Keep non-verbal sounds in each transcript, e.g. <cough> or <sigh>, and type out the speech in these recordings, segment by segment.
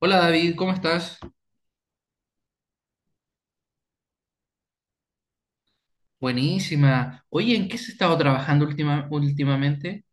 Hola David, ¿cómo estás? Buenísima. Oye, ¿en qué se ha estado trabajando últimamente?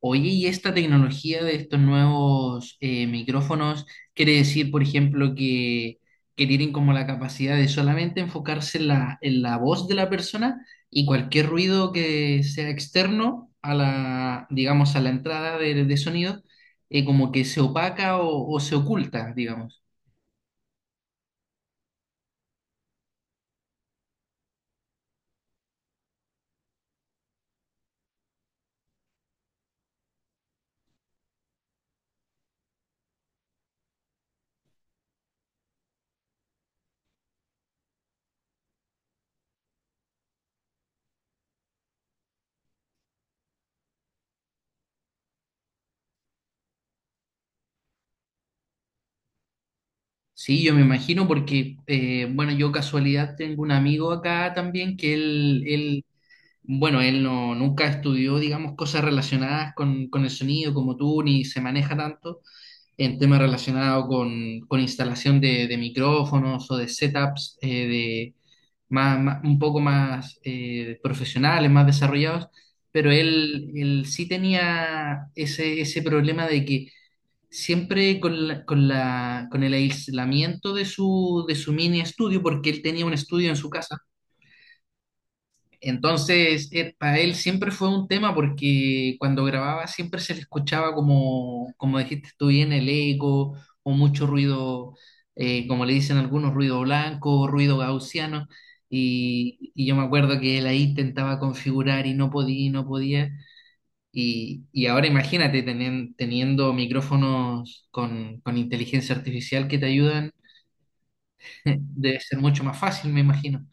Oye, ¿y esta tecnología de estos nuevos micrófonos quiere decir, por ejemplo, que tienen como la capacidad de solamente enfocarse en en la voz de la persona y cualquier ruido que sea externo a la, digamos, a la entrada de sonido, como que se opaca o se oculta, digamos? Sí, yo me imagino porque, bueno, yo casualidad tengo un amigo acá también que él bueno, él no, nunca estudió, digamos, cosas relacionadas con el sonido como tú, ni se maneja tanto en temas relacionados con instalación de micrófonos o de setups de un poco más profesionales, más desarrollados, pero él sí tenía ese problema de que siempre con el aislamiento de de su mini estudio, porque él tenía un estudio en su casa. Entonces, para él siempre fue un tema porque cuando grababa siempre se le escuchaba como, como dijiste tú bien, el eco o mucho ruido, como le dicen algunos, ruido blanco, ruido gaussiano. Y yo me acuerdo que él ahí intentaba configurar y no podía, y no podía. Y ahora imagínate teniendo micrófonos con inteligencia artificial que te ayudan, <laughs> debe ser mucho más fácil, me imagino.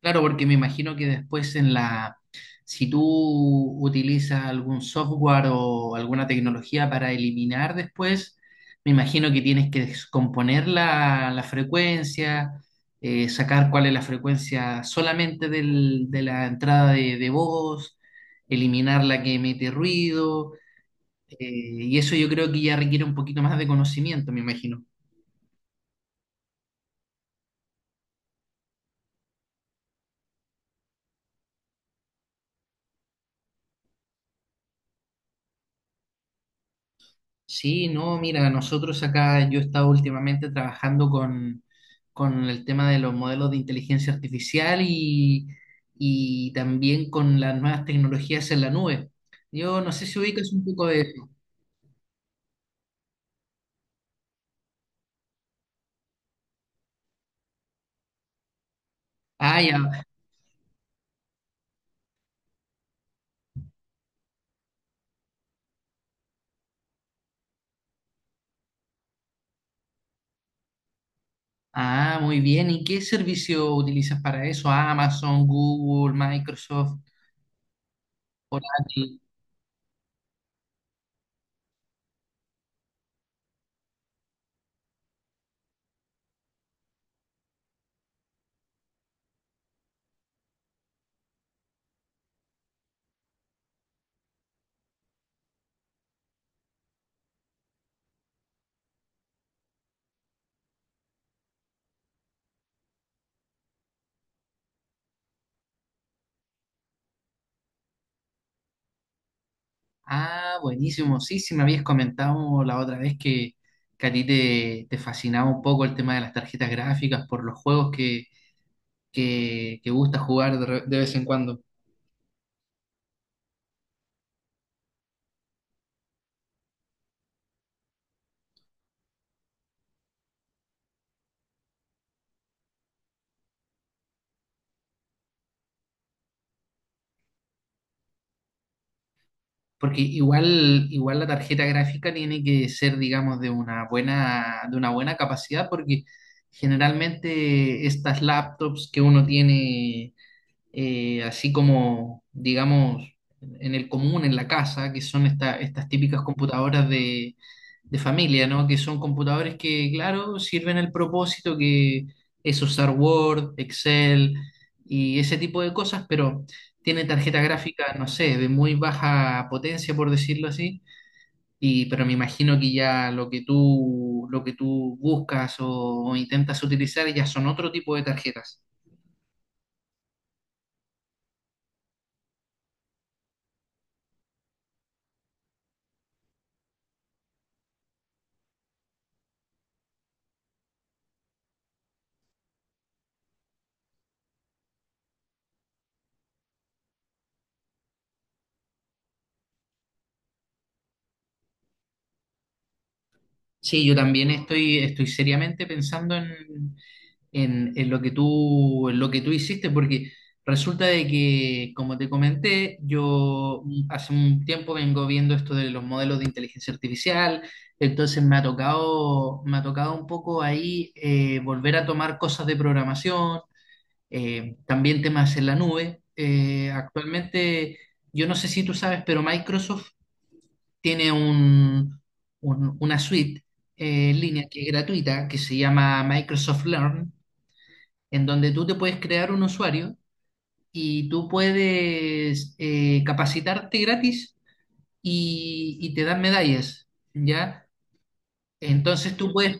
Claro, porque me imagino que después en si tú utilizas algún software o alguna tecnología para eliminar después, me imagino que tienes que descomponer la frecuencia, sacar cuál es la frecuencia solamente de la entrada de voz, eliminar la que emite ruido. Eh, y eso yo creo que ya requiere un poquito más de conocimiento, me imagino. Sí, no, mira, nosotros acá yo he estado últimamente trabajando con el tema de los modelos de inteligencia artificial y también con las nuevas tecnologías en la nube. Yo no sé si ubicas un poco de eso. Ah, ya. Ah, muy bien. ¿Y qué servicio utilizas para eso? Amazon, Google, Microsoft, Oracle. Ah, buenísimo. Sí, sí, me habías comentado la otra vez que a ti te fascinaba un poco el tema de las tarjetas gráficas por los juegos que gusta jugar de, de vez en cuando. Porque igual, igual la tarjeta gráfica tiene que ser, digamos, de una buena capacidad, porque generalmente estas laptops que uno tiene así como, digamos, en el común, en la casa, que son estas típicas computadoras de familia, ¿no? Que son computadores que, claro, sirven el propósito que es usar Word, Excel y ese tipo de cosas, pero tiene tarjeta gráfica, no sé, de muy baja potencia, por decirlo así. Y pero me imagino que ya lo que tú buscas o intentas utilizar ya son otro tipo de tarjetas. Sí, yo también estoy, estoy seriamente pensando en lo que tú, en lo que tú hiciste, porque resulta de que, como te comenté, yo hace un tiempo vengo viendo esto de los modelos de inteligencia artificial, entonces me ha tocado un poco ahí volver a tomar cosas de programación, también temas en la nube. Actualmente, yo no sé si tú sabes, pero Microsoft tiene una suite en línea que es gratuita, que se llama Microsoft Learn, en donde tú te puedes crear un usuario y tú puedes capacitarte gratis y te dan medallas, ¿ya? Entonces tú puedes,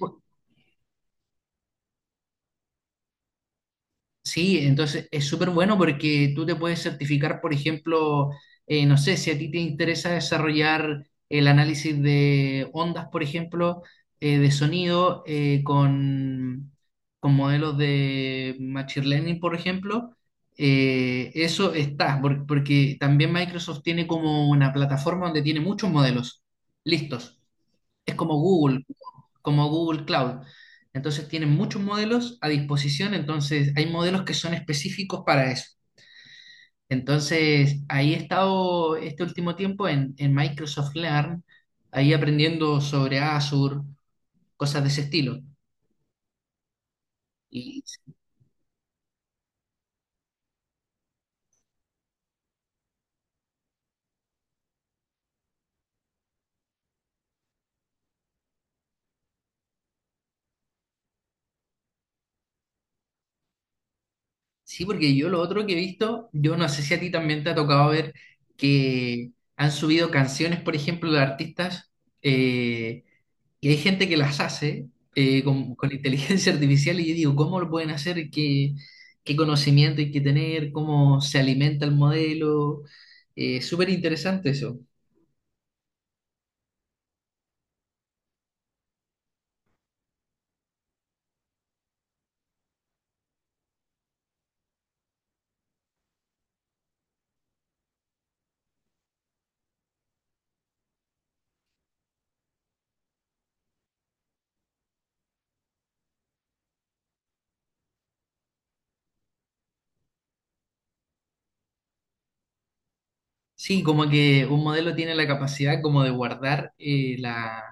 sí, entonces es súper bueno porque tú te puedes certificar, por ejemplo, no sé, si a ti te interesa desarrollar el análisis de ondas, por ejemplo, de sonido con modelos de Machine Learning, por ejemplo, eso está, porque también Microsoft tiene como una plataforma donde tiene muchos modelos listos. Es como Google Cloud. Entonces tienen muchos modelos a disposición, entonces hay modelos que son específicos para eso. Entonces ahí he estado este último tiempo en Microsoft Learn, ahí aprendiendo sobre Azure, cosas de ese estilo. Y sí, porque yo lo otro que he visto, yo no sé si a ti también te ha tocado ver que han subido canciones, por ejemplo, de artistas, eh, que hay gente que las hace con inteligencia <laughs> artificial y yo digo, ¿cómo lo pueden hacer? ¿Qué, qué conocimiento hay que tener? ¿Cómo se alimenta el modelo? Súper interesante eso. Sí, como que un modelo tiene la capacidad como de guardar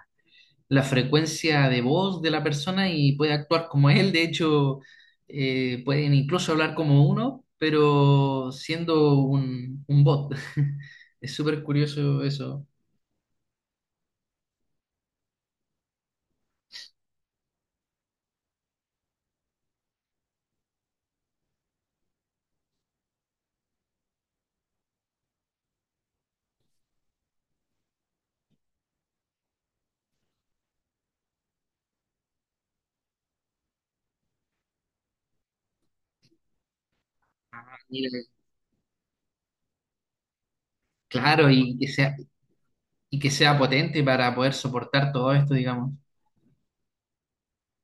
la frecuencia de voz de la persona y puede actuar como él. De hecho, pueden incluso hablar como uno, pero siendo un bot. <laughs> Es súper curioso eso. Ah, mira. Claro, y que sea potente para poder soportar todo esto, digamos.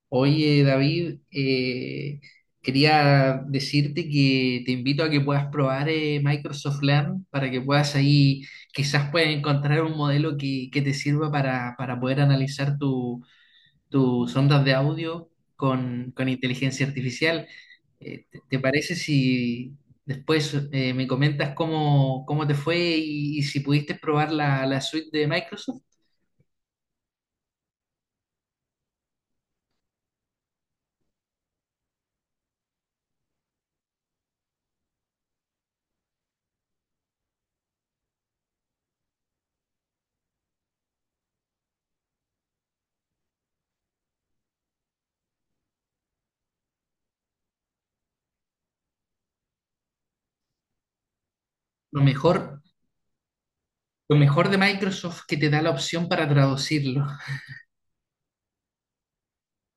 Oye, David, quería decirte que te invito a que puedas probar Microsoft Learn para que puedas ahí, quizás puedas encontrar un modelo que te sirva para poder analizar tus ondas de audio con inteligencia artificial. Te parece si después me comentas cómo, cómo te fue y si pudiste probar la suite de Microsoft? Lo mejor, lo mejor de Microsoft que te da la opción para traducirlo.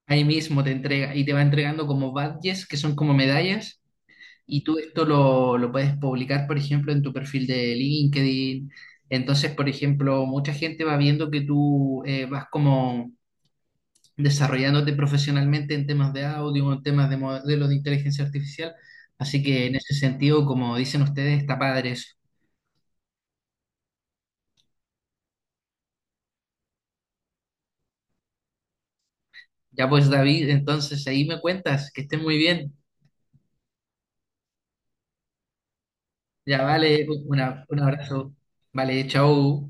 Ahí mismo te entrega y te va entregando como badges, que son como medallas, y tú esto lo puedes publicar, por ejemplo, en tu perfil de LinkedIn. Entonces, por ejemplo, mucha gente va viendo que tú vas como desarrollándote profesionalmente en temas de audio, en temas de modelos de inteligencia artificial. Así que en ese sentido, como dicen ustedes, está padre eso. Ya pues, David, entonces ahí me cuentas, que estés muy bien. Ya vale, un abrazo. Vale, chao.